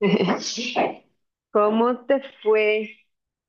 ¿Cómo te fue?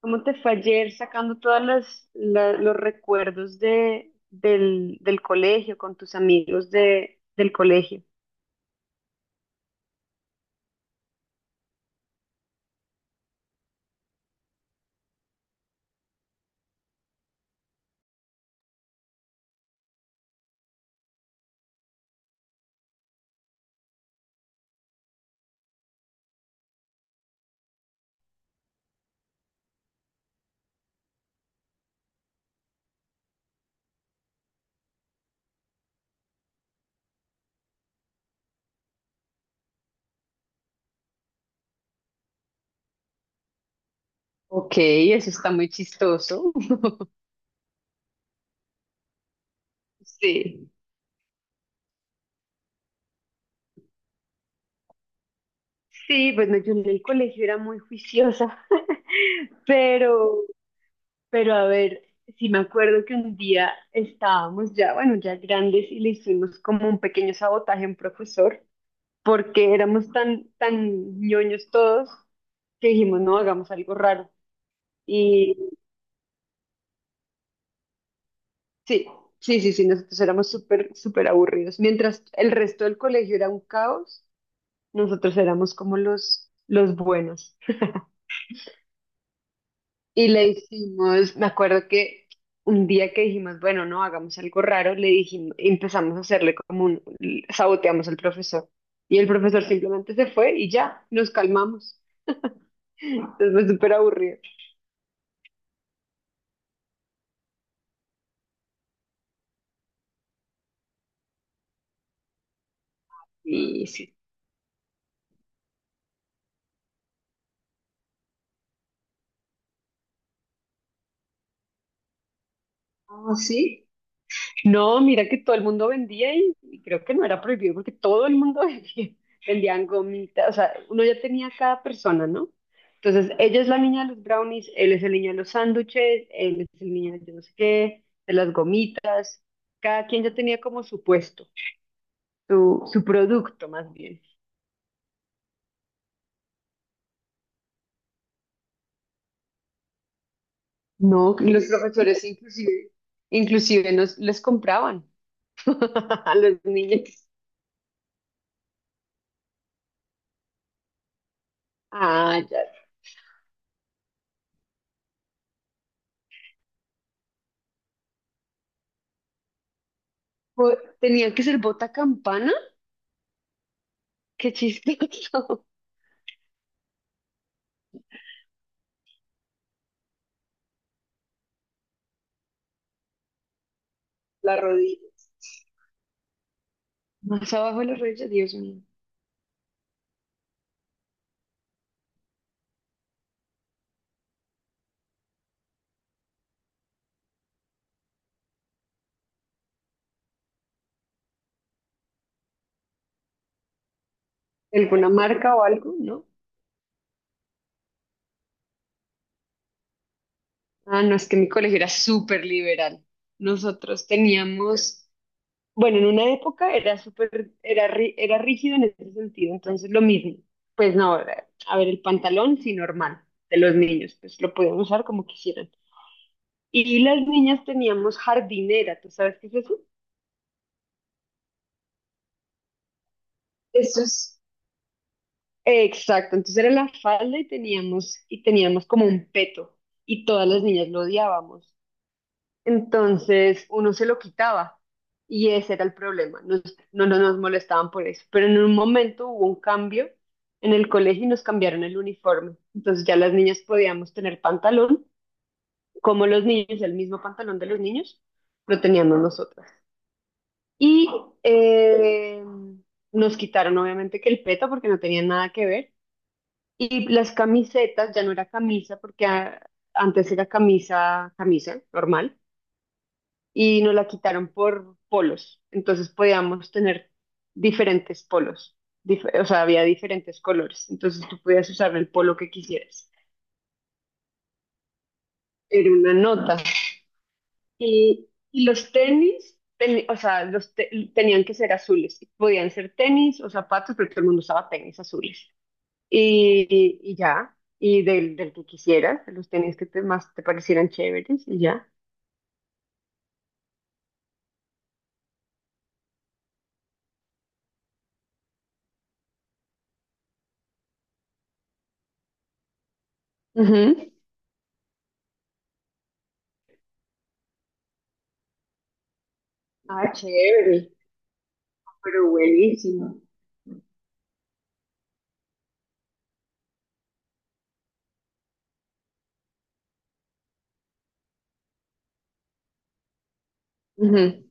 ¿Cómo te fue ayer sacando todos los recuerdos del colegio con tus amigos del colegio? Ok, eso está muy chistoso. Sí. Sí, bueno, yo en el colegio era muy juiciosa, pero, pero a ver, sí me acuerdo que un día estábamos ya, bueno, ya grandes y le hicimos como un pequeño sabotaje a un profesor. Porque éramos tan ñoños todos que dijimos, no, hagamos algo raro. Y sí, sí, nosotros éramos súper aburridos. Mientras el resto del colegio era un caos, nosotros éramos como los buenos. Y le hicimos, me acuerdo que un día que dijimos, bueno, no, hagamos algo raro, le dijimos, empezamos a hacerle como un, saboteamos al profesor. Y el profesor simplemente se fue y ya, nos calmamos. Entonces fue súper aburrido. Y sí. Ah, sí. No, mira que todo el mundo vendía y creo que no era prohibido porque todo el mundo vendía, vendían gomitas, o sea, uno ya tenía cada persona, ¿no? Entonces, ella es la niña de los brownies, él es el niño de los sándwiches, él es el niño de yo no sé qué, de las gomitas, cada quien ya tenía como su puesto, su producto más bien. No, y los que profesores inclusive. Inclusive les compraban a los niños. Ah, ya. Pues, tenía que ser bota campana. Qué chistoso. Las rodillas. Más abajo de las rodillas, Dios mío. ¿Alguna marca o algo? No. Ah, no, es que mi colegio era súper liberal. Nosotros teníamos, bueno, en una época era súper, era, era rígido en ese sentido, entonces lo mismo. Pues no, a ver, el pantalón sí normal de los niños, pues lo podían usar como quisieran. Y las niñas teníamos jardinera, ¿tú sabes qué es eso? Eso es. Exacto, entonces era la falda y teníamos como un peto y todas las niñas lo odiábamos. Entonces uno se lo quitaba y ese era el problema. No, no nos molestaban por eso, pero en un momento hubo un cambio en el colegio y nos cambiaron el uniforme. Entonces ya las niñas podíamos tener pantalón, como los niños, el mismo pantalón de los niños, lo teníamos nosotras. Y eh, nos quitaron obviamente que el peto porque no tenía nada que ver. Y las camisetas, ya no era camisa, porque ah, antes era camisa, camisa normal, y nos la quitaron por polos. Entonces podíamos tener diferentes polos, o sea, había diferentes colores. Entonces tú podías usar el polo que quisieras. Era una nota. Y los tenis, o sea, tenían que ser azules. Podían ser tenis o zapatos, pero todo el mundo usaba tenis azules. Y del que quisieras, de los tenis que te, más te parecieran chéveres y ya. Ujú. Ah, chévere, pero buenísimo. Ujú,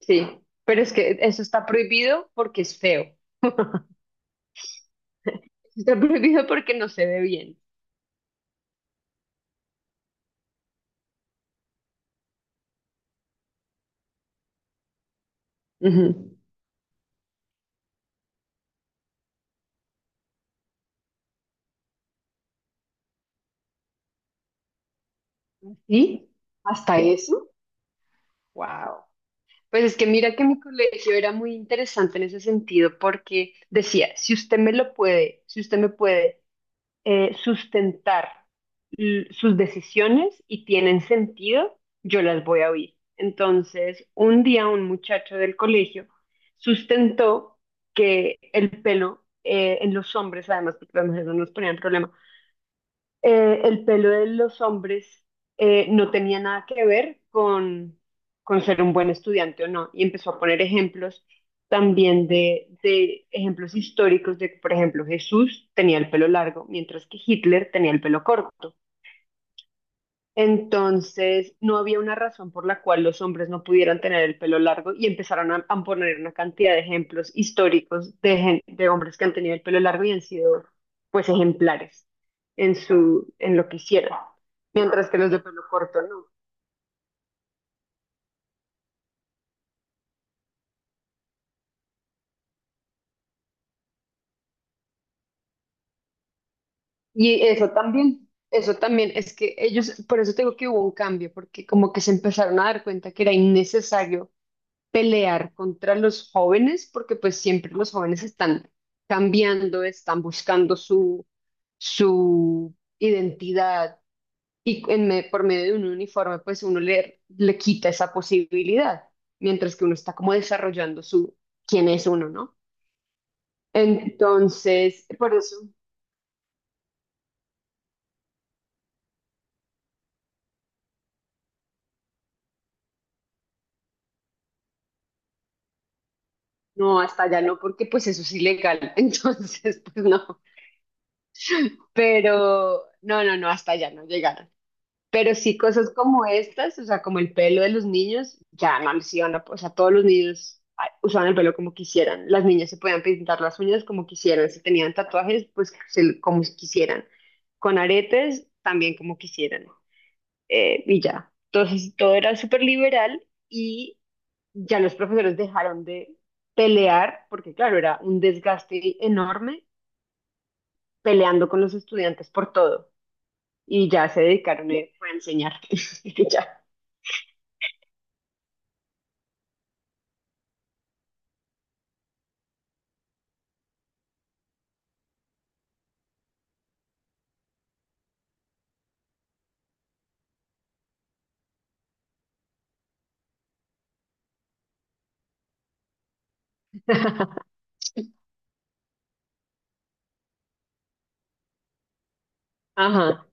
sí, pero es que eso está prohibido porque es feo. Está prohibido porque no se ve bien. Ujú. ¿Sí? ¿Hasta eso? Wow. Pues es que mira que mi colegio era muy interesante en ese sentido porque decía, si usted me lo puede, si usted me puede sustentar sus decisiones y tienen sentido, yo las voy a oír. Entonces, un día un muchacho del colegio sustentó que el pelo en los hombres, además porque las mujeres no nos ponían problema, el pelo de los hombres no tenía nada que ver con ser un buen estudiante o no. Y empezó a poner ejemplos también de ejemplos históricos de que, por ejemplo, Jesús tenía el pelo largo, mientras que Hitler tenía el pelo corto. Entonces, no había una razón por la cual los hombres no pudieran tener el pelo largo y empezaron a poner una cantidad de ejemplos históricos de, de hombres que han tenido el pelo largo y han sido, pues, ejemplares en su, en lo que hicieron, mientras que los de pelo corto no. Y eso también es que ellos, por eso tengo que hubo un cambio, porque como que se empezaron a dar cuenta que era innecesario pelear contra los jóvenes, porque pues siempre los jóvenes están cambiando, están buscando su, su identidad y en por medio de un uniforme, pues uno le quita esa posibilidad, mientras que uno está como desarrollando su quién es uno, ¿no? Entonces, por eso, no, hasta allá no, porque pues eso es ilegal, entonces, pues no, pero no, hasta allá no llegaron. Pero sí cosas como estas, o sea, como el pelo de los niños, ya no les iban a, o sea, todos los niños ay, usaban el pelo como quisieran. Las niñas se podían pintar las uñas como quisieran. Si tenían tatuajes, pues como quisieran. Con aretes, también como quisieran. Y ya. Entonces, todo era súper liberal y ya los profesores dejaron de pelear, porque claro, era un desgaste enorme peleando con los estudiantes por todo. Y ya se dedicaron fue a enseñar. Y ya. Ajá.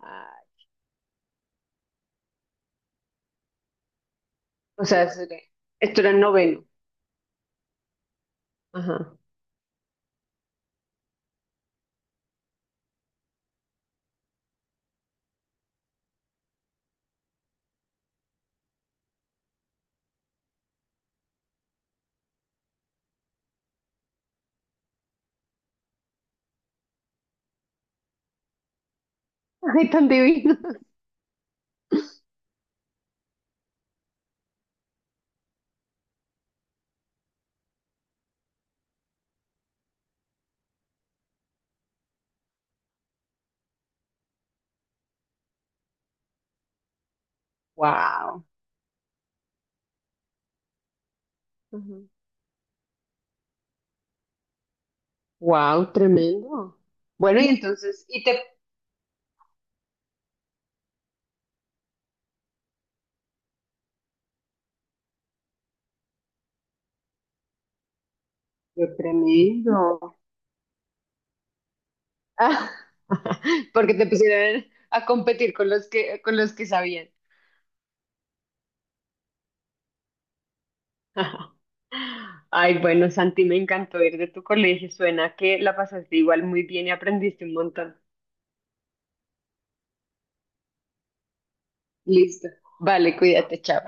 Ah, o sea, esto era el noveno. Ajá. Ay, tan divino. Wow. Wow, tremendo. Bueno, y entonces, y te... Qué tremendo. Ah, porque te pusieron a competir con los que sabían. Ay, bueno, Santi, me encantó ir de tu colegio. Suena que la pasaste igual muy bien y aprendiste un montón. Listo. Vale, cuídate, chao.